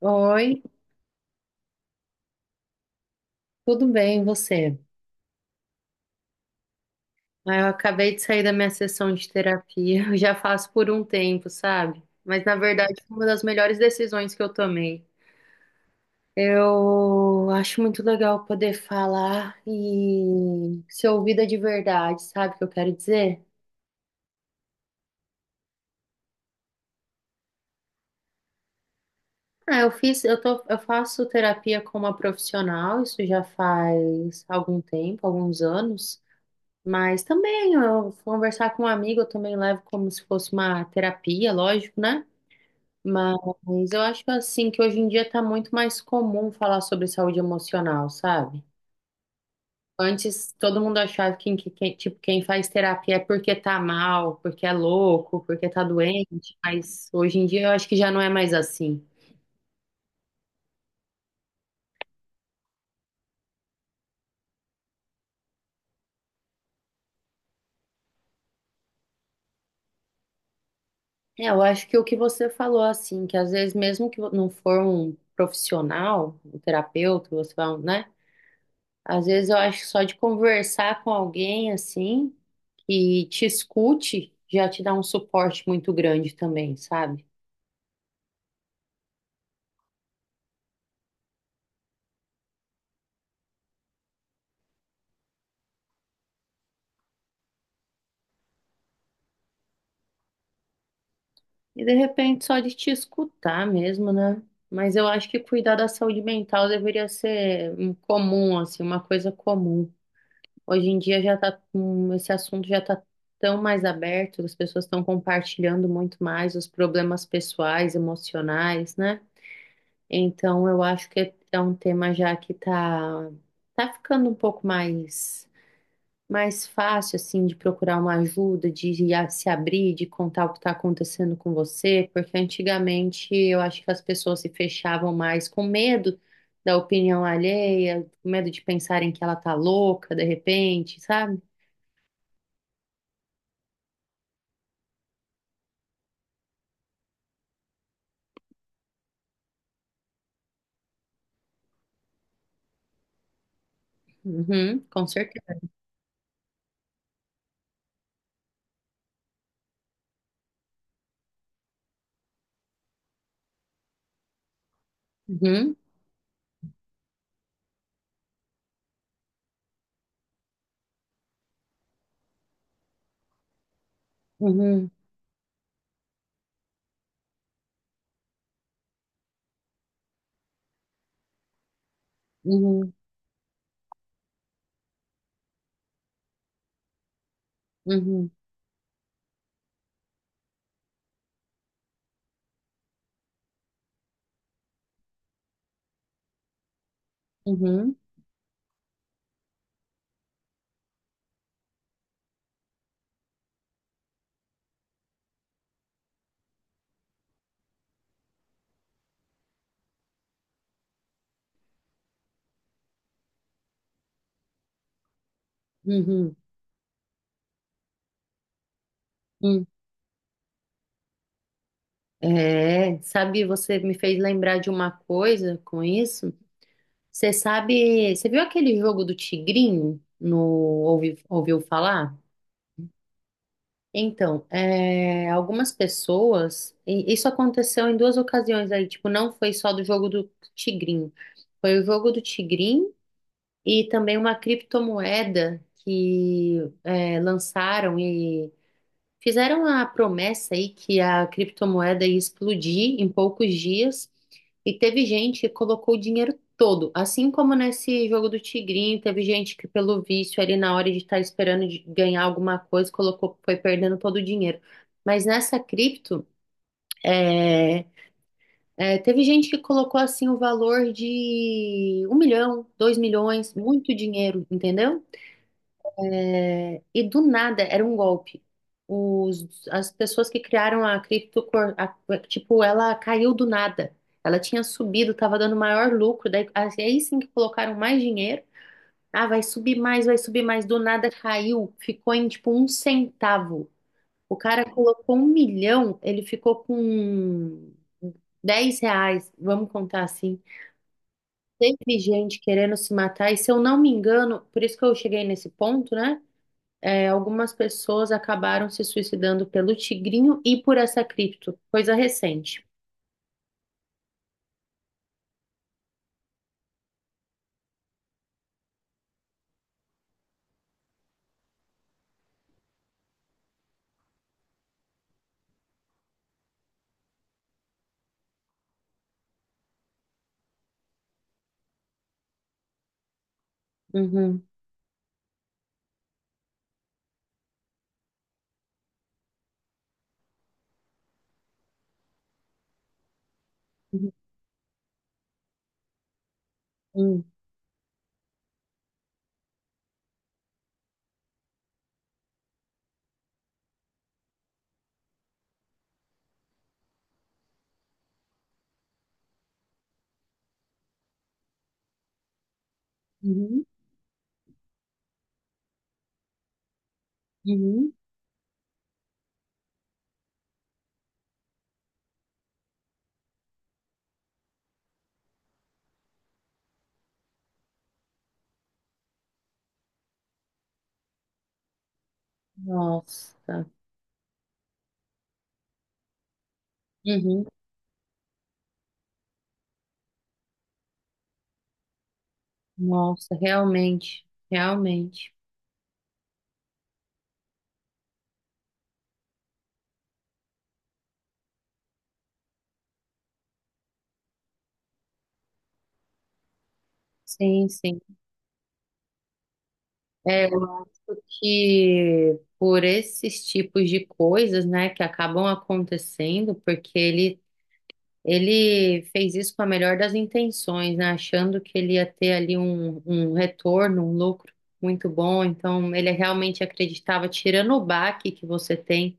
Oi, tudo bem, e você? Ah, eu acabei de sair da minha sessão de terapia, eu já faço por um tempo, sabe? Mas na verdade foi uma das melhores decisões que eu tomei. Eu acho muito legal poder falar e ser ouvida de verdade, sabe o que eu quero dizer? Ah, eu fiz, eu tô, eu faço terapia com uma profissional, isso já faz algum tempo, alguns anos. Mas também, eu conversar com um amigo, eu também levo como se fosse uma terapia, lógico, né? Mas eu acho assim que hoje em dia tá muito mais comum falar sobre saúde emocional, sabe? Antes todo mundo achava que tipo, quem faz terapia é porque tá mal, porque é louco, porque tá doente, mas hoje em dia eu acho que já não é mais assim. É, eu acho que o que você falou assim, que às vezes mesmo que não for um profissional, um terapeuta, você vai, né? Às vezes eu acho que só de conversar com alguém assim e te escute, já te dá um suporte muito grande também, sabe? E de repente só de te escutar mesmo, né? Mas eu acho que cuidar da saúde mental deveria ser um comum, assim, uma coisa comum. Hoje em dia já tá, esse assunto já tá tão mais aberto, as pessoas estão compartilhando muito mais os problemas pessoais, emocionais, né? Então eu acho que é um tema já que tá ficando um pouco mais fácil, assim, de procurar uma ajuda, de ir se abrir, de contar o que está acontecendo com você, porque antigamente eu acho que as pessoas se fechavam mais com medo da opinião alheia, com medo de pensarem que ela tá louca de repente, sabe? Uhum, com certeza. Uhum, uhum, uhum, uhum, uhum, uhum, uhum. É, sabe, você me fez lembrar de uma coisa com isso. Você sabe, você viu aquele jogo do Tigrinho? No, ouviu falar? Então, algumas pessoas, e isso aconteceu em duas ocasiões aí, tipo, não foi só do jogo do Tigrinho, foi o jogo do Tigrinho e também uma criptomoeda que lançaram. Fizeram a promessa aí que a criptomoeda ia explodir em poucos dias e teve gente que colocou o dinheiro todo, assim como nesse jogo do Tigrinho, teve gente que pelo vício ali na hora de estar esperando de ganhar alguma coisa, colocou, foi perdendo todo o dinheiro. Mas nessa cripto, é, teve gente que colocou assim o valor de 1 milhão, 2 milhões, muito dinheiro, entendeu? E do nada era um golpe. As pessoas que criaram a cripto, tipo, ela caiu do nada. Ela tinha subido, estava dando maior lucro. Daí, assim, aí sim que colocaram mais dinheiro. Ah, vai subir mais, vai subir mais. Do nada caiu, ficou em tipo um centavo. O cara colocou 1 milhão, ele ficou com R$ 10, vamos contar assim. Teve gente querendo se matar, e se eu não me engano, por isso que eu cheguei nesse ponto, né? é, algumas pessoas acabaram se suicidando pelo tigrinho e por essa cripto, coisa recente. Uhum, uhum, uhum, uhum. Nossa, uhum. Nossa, realmente, realmente. Sim, sim. É, eu acho que por esses tipos de coisas, né, que acabam acontecendo, porque ele fez isso com a melhor das intenções, né? Achando que ele ia ter ali um retorno, um lucro muito bom. Então, ele realmente acreditava, tirando o baque que você tem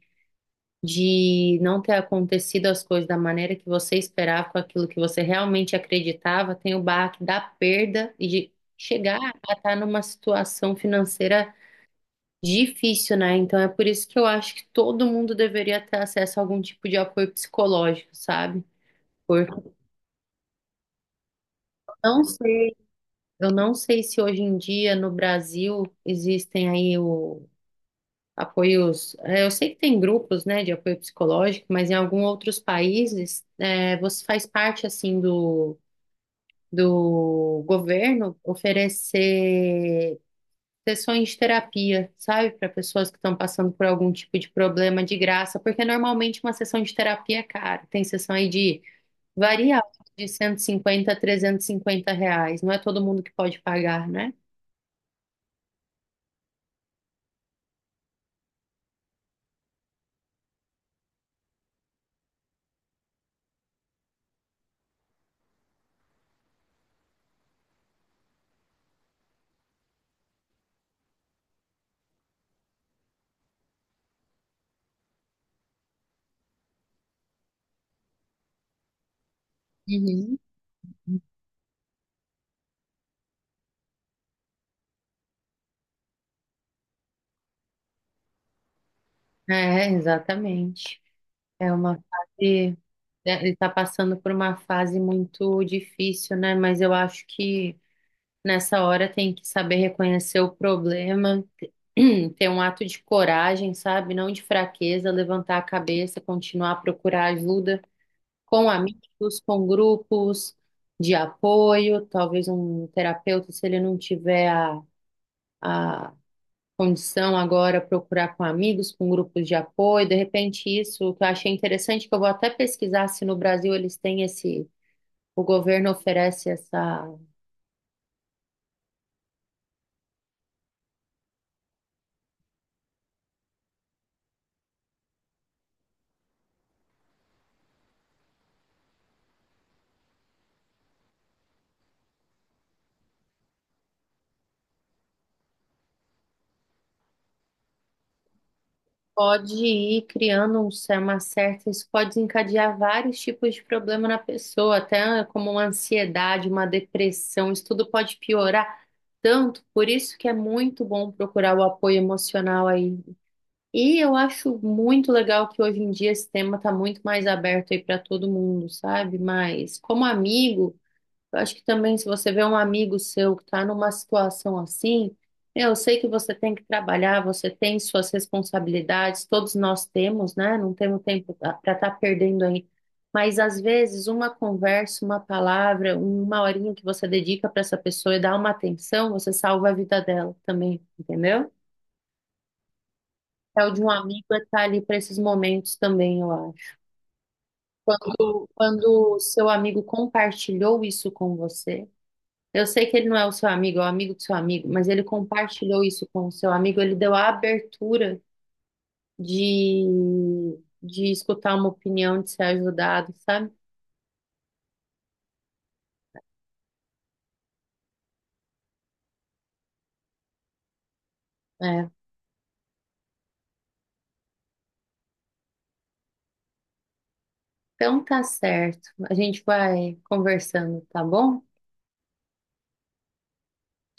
de não ter acontecido as coisas da maneira que você esperava, com aquilo que você realmente acreditava, tem o baque da perda e de chegar a estar numa situação financeira difícil, né? Então, é por isso que eu acho que todo mundo deveria ter acesso a algum tipo de apoio psicológico, sabe? Porque não sei Eu não sei se hoje em dia no Brasil existem aí o apoios. Eu sei que tem grupos, né, de apoio psicológico, mas em alguns outros países você faz parte assim do governo oferecer sessões de terapia, sabe, para pessoas que estão passando por algum tipo de problema de graça, porque normalmente uma sessão de terapia é cara. Tem sessão aí de varia de R$ 150 a R$ 350. Não é todo mundo que pode pagar, né? Uhum. É, exatamente. É uma fase, né? Ele está passando por uma fase muito difícil, né? Mas eu acho que nessa hora tem que saber reconhecer o problema, ter um ato de coragem, sabe? Não de fraqueza, levantar a cabeça, continuar a procurar ajuda com amigos, com grupos de apoio, talvez um terapeuta, se ele não tiver a condição agora procurar com amigos, com grupos de apoio. De repente, isso que eu achei interessante, que eu vou até pesquisar se no Brasil eles têm esse, o governo oferece essa. Pode ir criando uma certa, isso pode desencadear vários tipos de problema na pessoa, até como uma ansiedade, uma depressão, isso tudo pode piorar tanto, por isso que é muito bom procurar o apoio emocional aí. E eu acho muito legal que hoje em dia esse tema está muito mais aberto aí para todo mundo, sabe? Mas como amigo, eu acho que também se você vê um amigo seu que está numa situação assim, eu sei que você tem que trabalhar, você tem suas responsabilidades, todos nós temos, né? Não temos tempo para estar perdendo aí. Mas às vezes uma conversa, uma palavra, uma horinha que você dedica para essa pessoa e dá uma atenção, você salva a vida dela também, entendeu? É o de um amigo é estar ali para esses momentos também, eu acho. Quando o seu amigo compartilhou isso com você, eu sei que ele não é o seu amigo, é o amigo do seu amigo, mas ele compartilhou isso com o seu amigo, ele deu a abertura de, de escutar uma opinião, de ser ajudado, sabe? É. Então tá certo. A gente vai conversando, tá bom?